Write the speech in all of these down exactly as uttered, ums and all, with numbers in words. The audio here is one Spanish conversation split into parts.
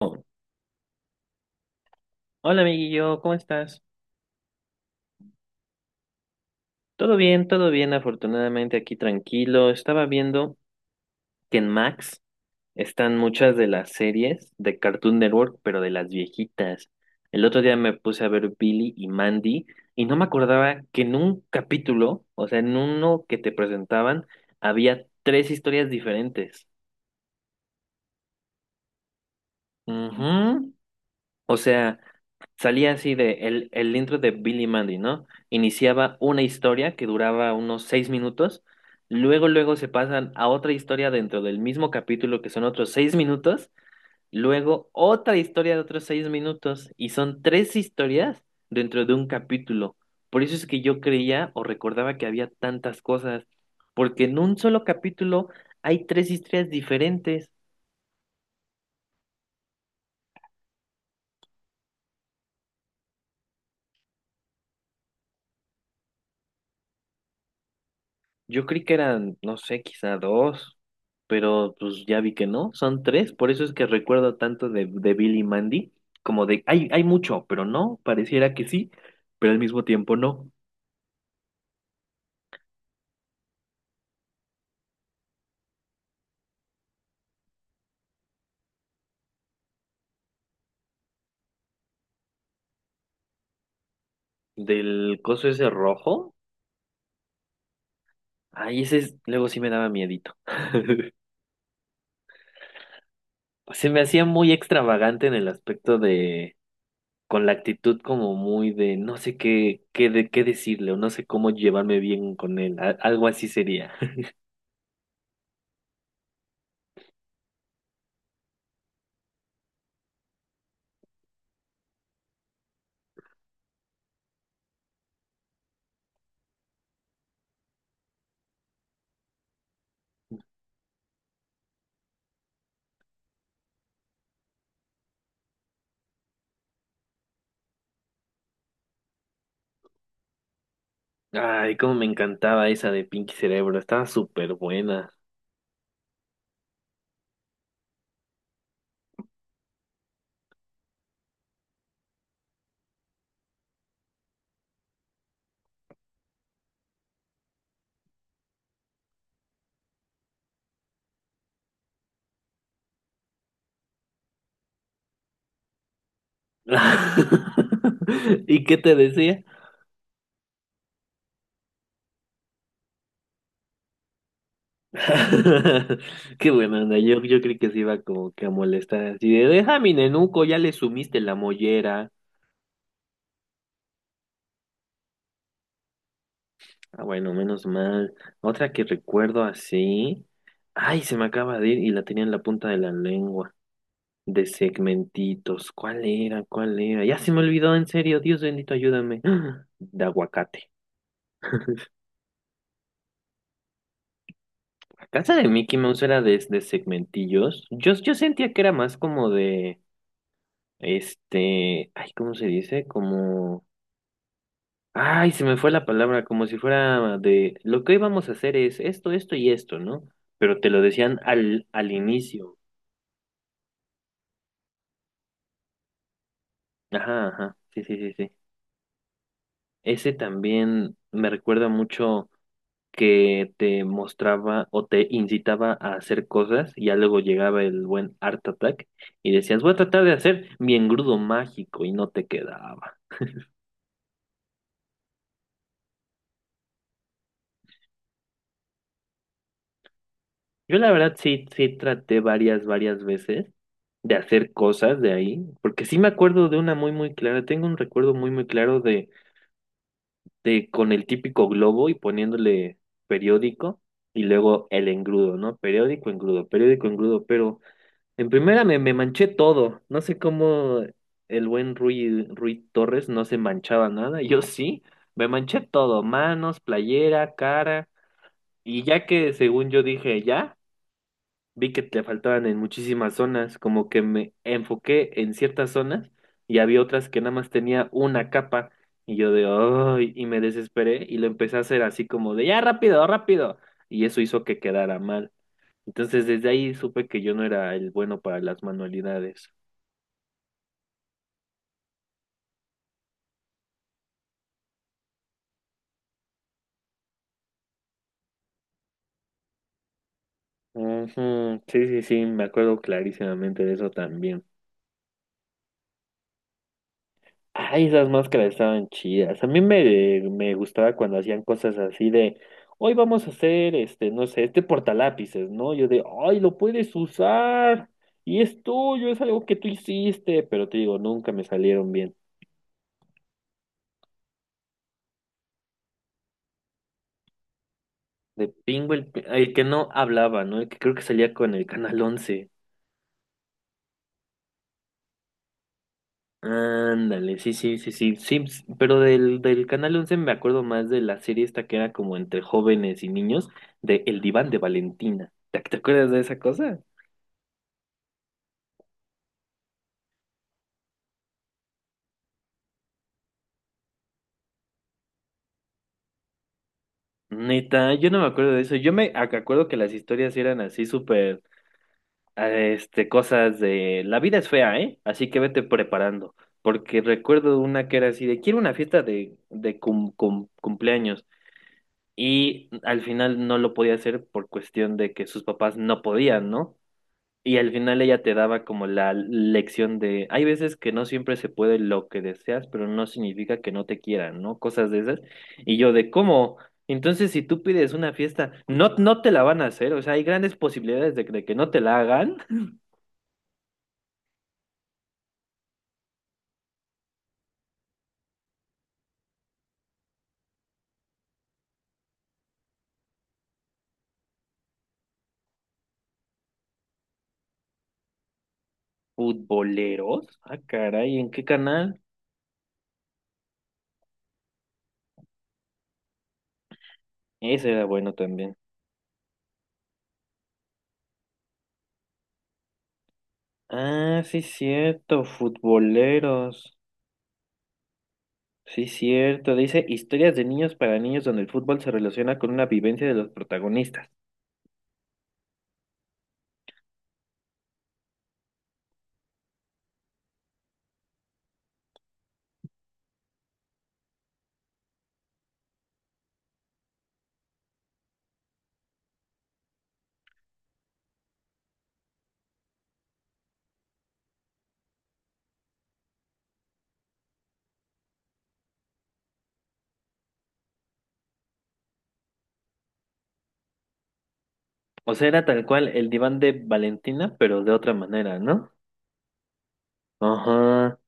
Oh, hola, amiguillo, ¿cómo estás? Todo bien, todo bien, afortunadamente aquí tranquilo. Estaba viendo que en Max están muchas de las series de Cartoon Network, pero de las viejitas. El otro día me puse a ver Billy y Mandy y no me acordaba que en un capítulo, o sea, en uno que te presentaban, había tres historias diferentes. Ujú. O sea, salía así de el, el intro de Billy Mandy, ¿no? Iniciaba una historia que duraba unos seis minutos, luego, luego se pasan a otra historia dentro del mismo capítulo que son otros seis minutos, luego otra historia de otros seis minutos, y son tres historias dentro de un capítulo. Por eso es que yo creía o recordaba que había tantas cosas, porque en un solo capítulo hay tres historias diferentes. Yo creí que eran, no sé, quizá dos, pero pues ya vi que no, son tres, por eso es que recuerdo tanto de, de Billy y Mandy, como de, hay, hay mucho, pero no, pareciera que sí, pero al mismo tiempo no. Del coso ese rojo, ay, ese es- luego sí me daba miedito. Se me hacía muy extravagante en el aspecto de, con la actitud como muy de, no sé qué, qué, de, qué decirle o no sé cómo llevarme bien con él, a- algo así sería. Ay, cómo me encantaba esa de Pinky Cerebro, estaba súper buena. ¿Y qué te decía? Qué buena onda, yo, yo creí que se iba como que a molestar así de, deja mi nenuco, ya le sumiste la mollera. Ah, bueno, menos mal. Otra que recuerdo así. Ay, se me acaba de ir y la tenía en la punta de la lengua. De segmentitos. ¿Cuál era? ¿Cuál era? Ya se me olvidó, en serio, Dios bendito, ayúdame. De aguacate. Casa de Mickey Mouse era de, de segmentillos. Yo, yo sentía que era más como de, este, ay, ¿cómo se dice? Como, ay, se me fue la palabra, como si fuera de, lo que hoy vamos a hacer es esto, esto y esto, ¿no? Pero te lo decían al, al inicio. Ajá, ajá, sí, sí, sí, sí. Ese también me recuerda mucho, que te mostraba o te incitaba a hacer cosas, y ya luego llegaba el buen Art Attack y decías, voy a tratar de hacer mi engrudo mágico y no te quedaba. Yo la verdad sí, sí traté varias, varias veces de hacer cosas de ahí, porque sí me acuerdo de una muy, muy clara, tengo un recuerdo muy, muy claro de, de con el típico globo y poniéndole periódico y luego el engrudo, ¿no? Periódico, engrudo, periódico, engrudo, pero... En primera me, me manché todo. No sé cómo el buen Rui, Rui Torres no se manchaba nada. Yo sí, me manché todo, manos, playera, cara. Y ya que según yo dije ya, vi que te faltaban en muchísimas zonas, como que me enfoqué en ciertas zonas y había otras que nada más tenía una capa. Y yo de, ay, y me desesperé y lo empecé a hacer así como de, ya rápido, rápido. Y eso hizo que quedara mal. Entonces desde ahí supe que yo no era el bueno para las manualidades. Ujú, sí, sí, sí, me acuerdo clarísimamente de eso también. Ay, esas máscaras estaban chidas. A mí me, me gustaba cuando hacían cosas así de, hoy vamos a hacer este, no sé, este portalápices, ¿no? Yo de, ay, lo puedes usar y es tuyo, es algo que tú hiciste, pero te digo, nunca me salieron bien. De Pingo el, pi- el que no hablaba, ¿no? El que creo que salía con el Canal once. Ándale, sí, sí, sí, sí, sí, ps- pero del, del Canal once me acuerdo más de la serie esta que era como entre jóvenes y niños, de El Diván de Valentina. ¿Te, te acuerdas de esa cosa? Neta, yo no me acuerdo de eso. Yo me ac- acuerdo que las historias eran así súper, eh, este, cosas de la vida es fea, ¿eh? Así que vete preparando, porque recuerdo una que era así de quiero una fiesta de, de cum- cum- cumpleaños y al final no lo podía hacer por cuestión de que sus papás no podían, ¿no? Y al final ella te daba como la lección de, hay veces que no siempre se puede lo que deseas, pero no significa que no te quieran, ¿no? Cosas de esas. Y yo de, ¿cómo? Entonces, si tú pides una fiesta, no, no te la van a hacer, o sea, hay grandes posibilidades de, que de que no te la hagan. Futboleros, ah, caray, ¿en qué canal? Ese era bueno también. Ah, sí, cierto, futboleros. Sí, cierto, dice historias de niños para niños donde el fútbol se relaciona con una vivencia de los protagonistas. O sea, era tal cual el diván de Valentina, pero de otra manera, ¿no? Ajá.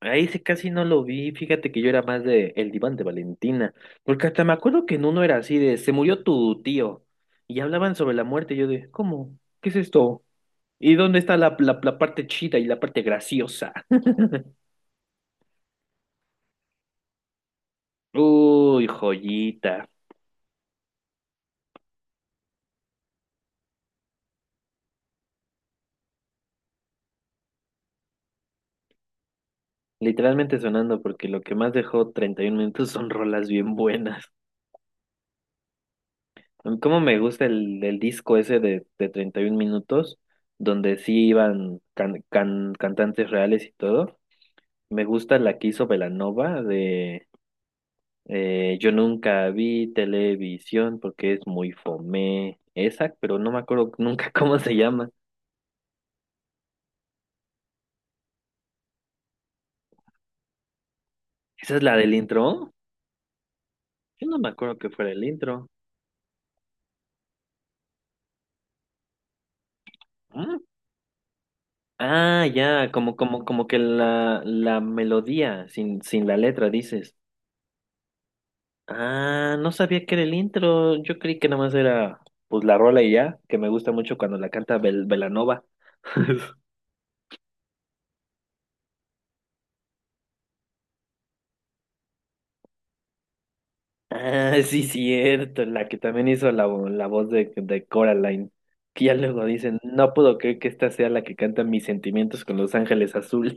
Ahí sí casi no lo vi. Fíjate que yo era más de el diván de Valentina. Porque hasta me acuerdo que en uno era así de se murió tu tío. Y hablaban sobre la muerte. Y yo de, ¿cómo? ¿Qué es esto? ¿Y dónde está la, la, la parte chida y la parte graciosa? Uy, joyita. Literalmente sonando porque lo que más dejó treinta y un minutos son rolas bien buenas. Cómo me gusta el, el disco ese de, de treinta y un minutos, donde sí iban can- can- cantantes reales y todo. Me gusta la que hizo Belanova de, eh, Yo nunca vi televisión porque es muy fome esa, pero no me acuerdo nunca cómo se llama. ¿Esa es la del intro? Yo no me acuerdo que fuera el intro. ¿Mm? Ah, ya, como, como, como que la, la melodía sin, sin la letra, dices. Ah, no sabía que era el intro. Yo creí que nomás era pues la rola y ya, que me gusta mucho cuando la canta Bel Belanova. Ah, sí, cierto, la que también hizo la, vo- la voz de, de Coraline. Que ya luego dicen, no puedo creer que esta sea la que canta Mis sentimientos con los ángeles azules.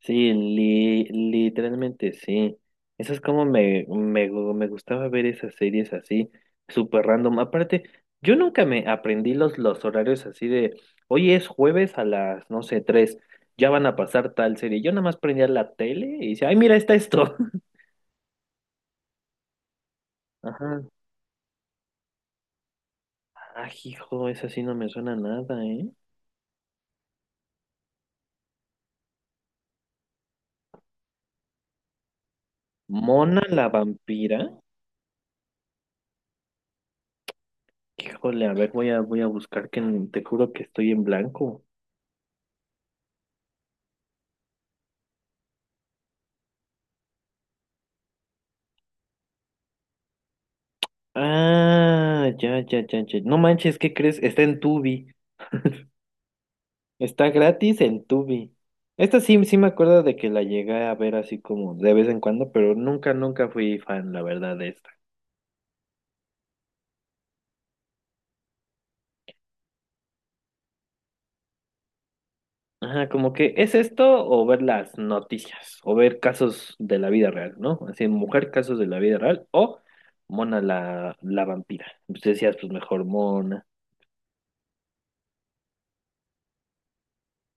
Sí, li- literalmente sí. Eso es como me, me, gu- me gustaba ver esas series así, súper random. Aparte, yo nunca me aprendí los, los horarios así de, hoy es jueves a las, no sé, tres, ya van a pasar tal serie. Yo nada más prendía la tele y decía, ay, mira, está esto. Ajá. Ah, hijo, esa sí no me suena nada, ¿eh? Mona la vampira. Híjole, a ver, voy a, voy a buscar que n- te juro que estoy en blanco. Ah, ya, ya, ya, ya. No manches, ¿qué crees? Está en Tubi. Está gratis en Tubi. Esta sí, sí me acuerdo de que la llegué a ver así como de vez en cuando, pero nunca, nunca fui fan, la verdad, de esta. Ajá, como que es esto o ver las noticias o ver casos de la vida real, ¿no? Así, mujer, casos de la vida real o Mona la, la vampira. Pues decías, pues mejor Mona.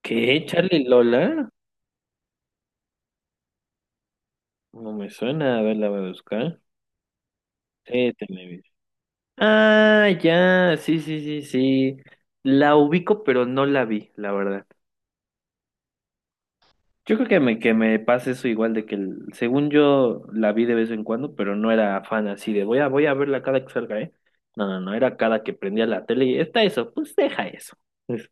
¿Qué? ¿Charlie Lola? No me suena, a ver, la voy a buscar. Sí, Televisa. Ah, ya, sí, sí, sí, sí. La ubico, pero no la vi, la verdad. Yo creo que me, que me pasa eso igual de que el- según yo la vi de vez en cuando, pero no era fan así de voy a, voy a verla cada que salga, ¿eh? No, no, no, era cada que prendía la tele y está eso, pues deja eso. Pues,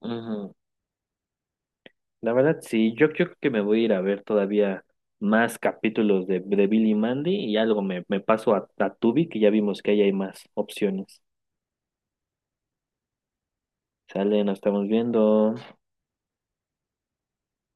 ujú. La verdad, sí, yo, yo creo que me voy a ir a ver todavía más capítulos de, de Billy Mandy y algo me, me paso a, a Tubi, que ya vimos que ahí hay más opciones. Sale, nos estamos viendo.